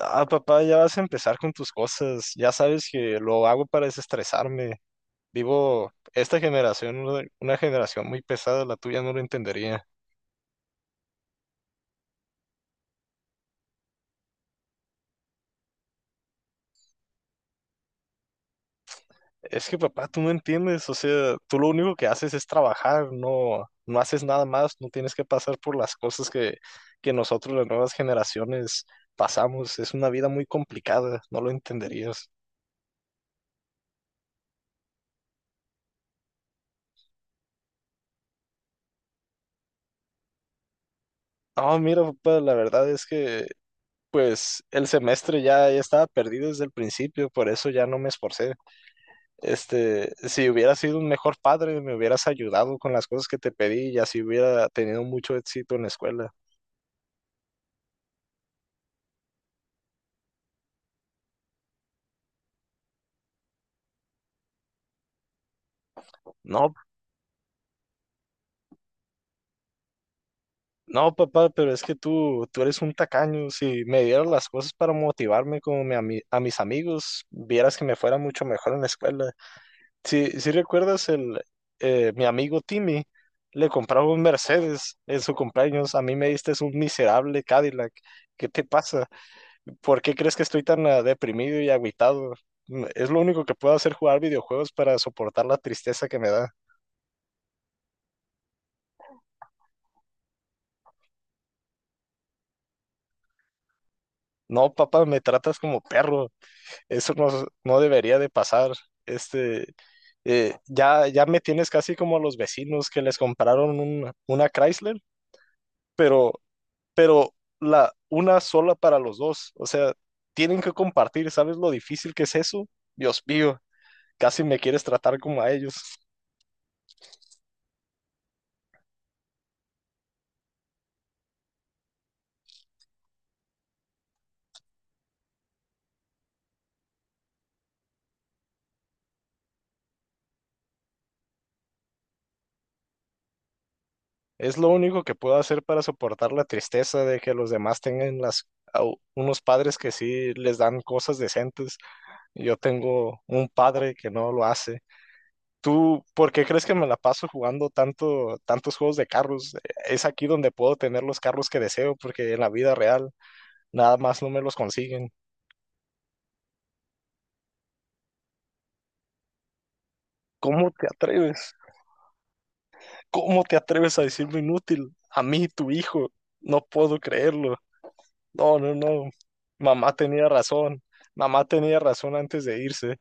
Ah, papá, ya vas a empezar con tus cosas. Ya sabes que lo hago para desestresarme. Vivo esta generación, una generación muy pesada, la tuya no lo entendería. Es que, papá, tú no entiendes. O sea, tú lo único que haces es trabajar, no, no haces nada más, no tienes que pasar por las cosas que nosotros, las nuevas generaciones, pasamos. Es una vida muy complicada, no lo entenderías. No, mira, papá, la verdad es que, pues, el semestre ya estaba perdido desde el principio, por eso ya no me esforcé. Este, si hubieras sido un mejor padre, me hubieras ayudado con las cosas que te pedí y así hubiera tenido mucho éxito en la escuela. No, no, papá, pero es que tú eres un tacaño. Si me dieras las cosas para motivarme como a mis amigos, vieras que me fuera mucho mejor en la escuela. Si recuerdas mi amigo Timmy, le compraba un Mercedes en su cumpleaños. A mí me diste un miserable Cadillac. ¿Qué te pasa? ¿Por qué crees que estoy tan deprimido y agüitado? Es lo único que puedo hacer, jugar videojuegos para soportar la tristeza que me da. No, papá, me tratas como perro. Eso no, no debería de pasar. Este, ya me tienes casi como a los vecinos que les compraron una Chrysler, pero, pero una sola para los dos. O sea, tienen que compartir. ¿Sabes lo difícil que es eso? Dios mío, casi me quieres tratar como a ellos. Es lo único que puedo hacer para soportar la tristeza de que los demás tengan a unos padres que sí les dan cosas decentes. Yo tengo un padre que no lo hace. ¿Tú por qué crees que me la paso jugando tanto, tantos juegos de carros? Es aquí donde puedo tener los carros que deseo, porque en la vida real nada más no me los consiguen. ¿Cómo te atreves? ¿Cómo te atreves a decirme inútil? A mí, tu hijo. No puedo creerlo. No, no, no. Mamá tenía razón. Mamá tenía razón antes de irse.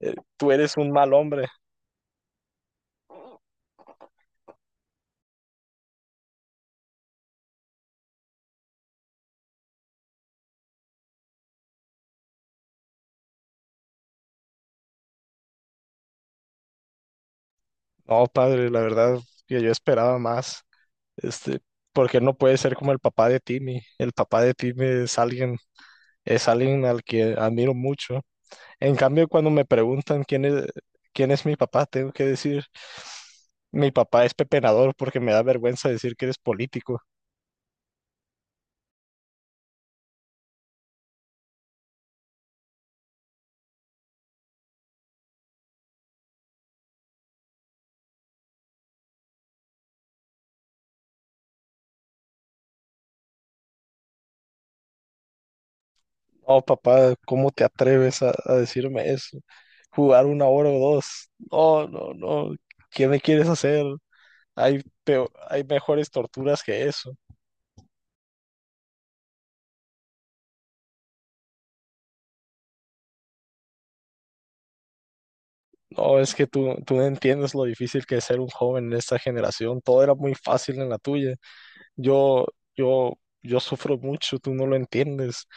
Tú eres un mal hombre. No, padre, la verdad que yo esperaba más. Este, porque no puede ser como el papá de Timmy. El papá de Timmy es alguien al que admiro mucho. En cambio, cuando me preguntan quién es mi papá, tengo que decir, mi papá es pepenador porque me da vergüenza decir que eres político. Oh, papá, ¿cómo te atreves a decirme eso? Jugar una hora o dos. No, no, no. ¿Qué me quieres hacer? Hay mejores torturas que eso. No, es que tú no entiendes lo difícil que es ser un joven en esta generación. Todo era muy fácil en la tuya. Yo, yo, yo sufro mucho, tú no lo entiendes.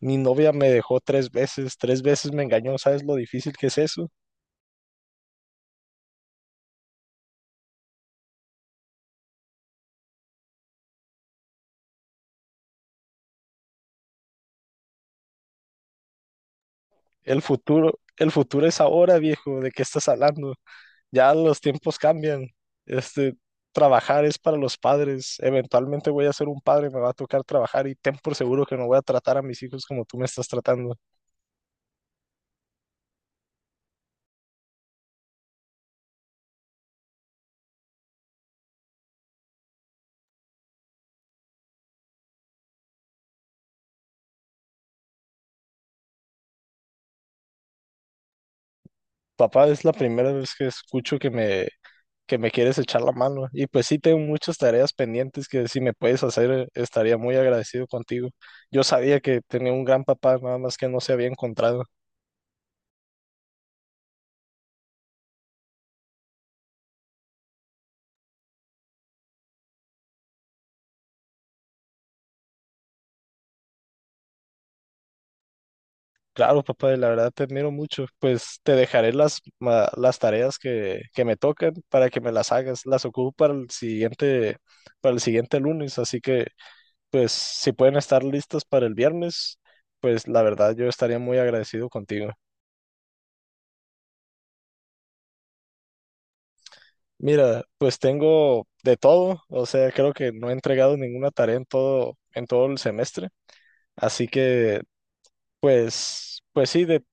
Mi novia me dejó tres veces me engañó, ¿sabes lo difícil que es eso? El futuro es ahora, viejo, ¿de qué estás hablando? Ya los tiempos cambian. Este, trabajar es para los padres. Eventualmente voy a ser un padre, me va a tocar trabajar y ten por seguro que no voy a tratar a mis hijos como tú me estás tratando. Papá, es la primera vez que escucho que me quieres echar la mano. Y pues sí, tengo muchas tareas pendientes que si me puedes hacer, estaría muy agradecido contigo. Yo sabía que tenía un gran papá, nada más que no se había encontrado. Claro, papá, y la verdad te admiro mucho. Pues te dejaré las tareas que me tocan para que me las hagas. Las ocupo para el siguiente lunes, así que pues si pueden estar listas para el viernes, pues la verdad yo estaría muy agradecido contigo. Mira, pues tengo de todo, o sea, creo que no he entregado ninguna tarea en todo el semestre, así que, pues sí, de,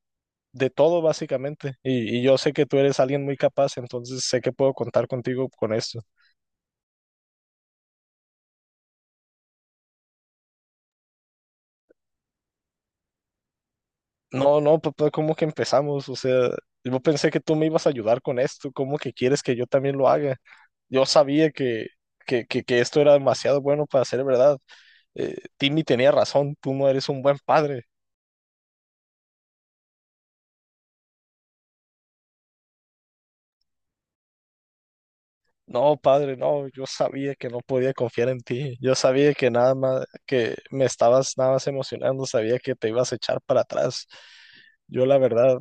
de todo básicamente, y yo sé que tú eres alguien muy capaz, entonces sé que puedo contar contigo con esto. No, no, papá, ¿cómo que empezamos? O sea, yo pensé que tú me ibas a ayudar con esto, ¿cómo que quieres que yo también lo haga? Yo sabía que esto era demasiado bueno para ser verdad. Timmy tenía razón, tú no eres un buen padre. No, padre, no, yo sabía que no podía confiar en ti. Yo sabía que nada más, que me estabas nada más emocionando, sabía que te ibas a echar para atrás. Yo la verdad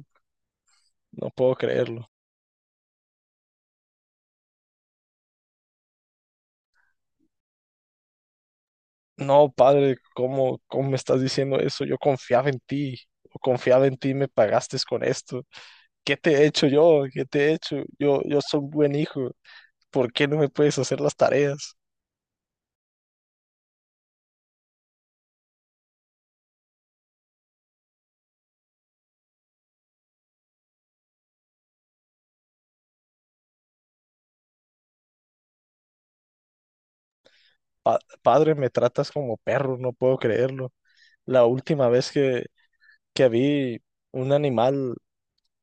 no puedo creerlo. No, padre, ¿cómo me estás diciendo eso? Yo confiaba en ti. Yo confiaba en ti, me pagaste con esto. ¿Qué te he hecho yo? ¿Qué te he hecho? Yo soy un buen hijo. ¿Por qué no me puedes hacer las tareas? Padre, me tratas como perro, no puedo creerlo. La última vez que vi un animal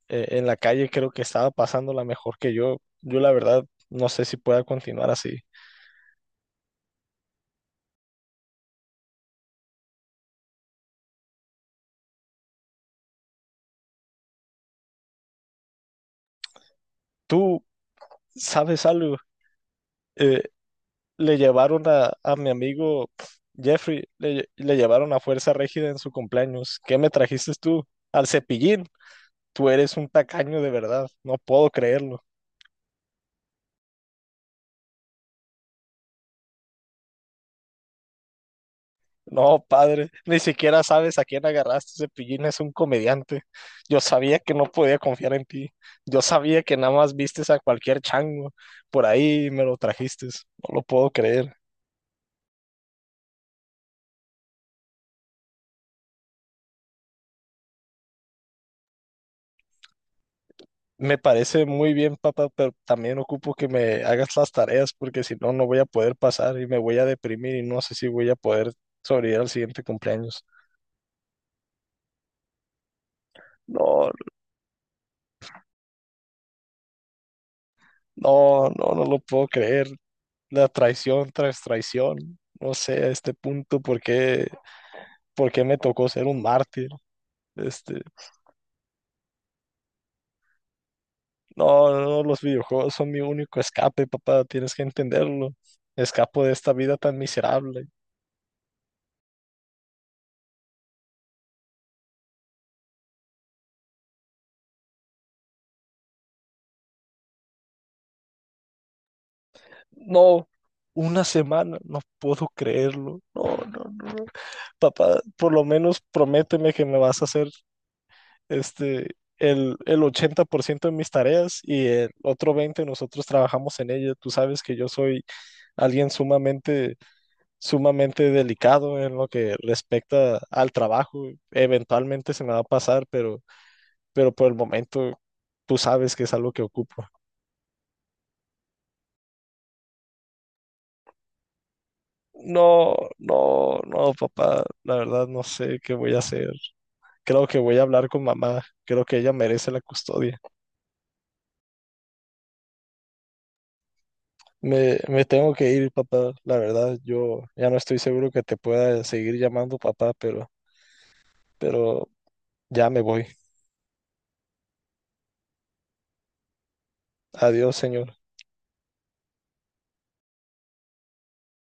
en la calle, creo que estaba pasándola mejor que yo. Yo la verdad no sé si pueda continuar así. ¿Tú sabes algo? Eh, le llevaron a mi amigo Jeffrey, le llevaron a Fuerza Régida en su cumpleaños. ¿Qué me trajiste tú? Al Cepillín. Tú eres un tacaño de verdad. No puedo creerlo. No, padre, ni siquiera sabes a quién agarraste. Cepillín es un comediante. Yo sabía que no podía confiar en ti. Yo sabía que nada más vistes a cualquier chango por ahí y me lo trajiste. No lo puedo creer. Me parece muy bien, papá, pero también ocupo que me hagas las tareas porque si no, no voy a poder pasar y me voy a deprimir y no sé si voy a poder sobrevivir al siguiente cumpleaños. No, no, no, no lo puedo creer. La traición tras traición. No sé a este punto por qué me tocó ser un mártir. Este, no, no, no, los videojuegos son mi único escape, papá, tienes que entenderlo. Escapo de esta vida tan miserable. No, una semana, no puedo creerlo. No, no, no. No. Papá, por lo menos prométeme que me vas a hacer el 80% de mis tareas y el otro 20% nosotros trabajamos en ella. Tú sabes que yo soy alguien sumamente, sumamente delicado en lo que respecta al trabajo. Eventualmente se me va a pasar, pero por el momento tú sabes que es algo que ocupo. No, no, no, papá, la verdad no sé qué voy a hacer. Creo que voy a hablar con mamá. Creo que ella merece la custodia. Me tengo que ir, papá. La verdad, yo ya no estoy seguro que te pueda seguir llamando papá, pero ya me voy. Adiós, señor.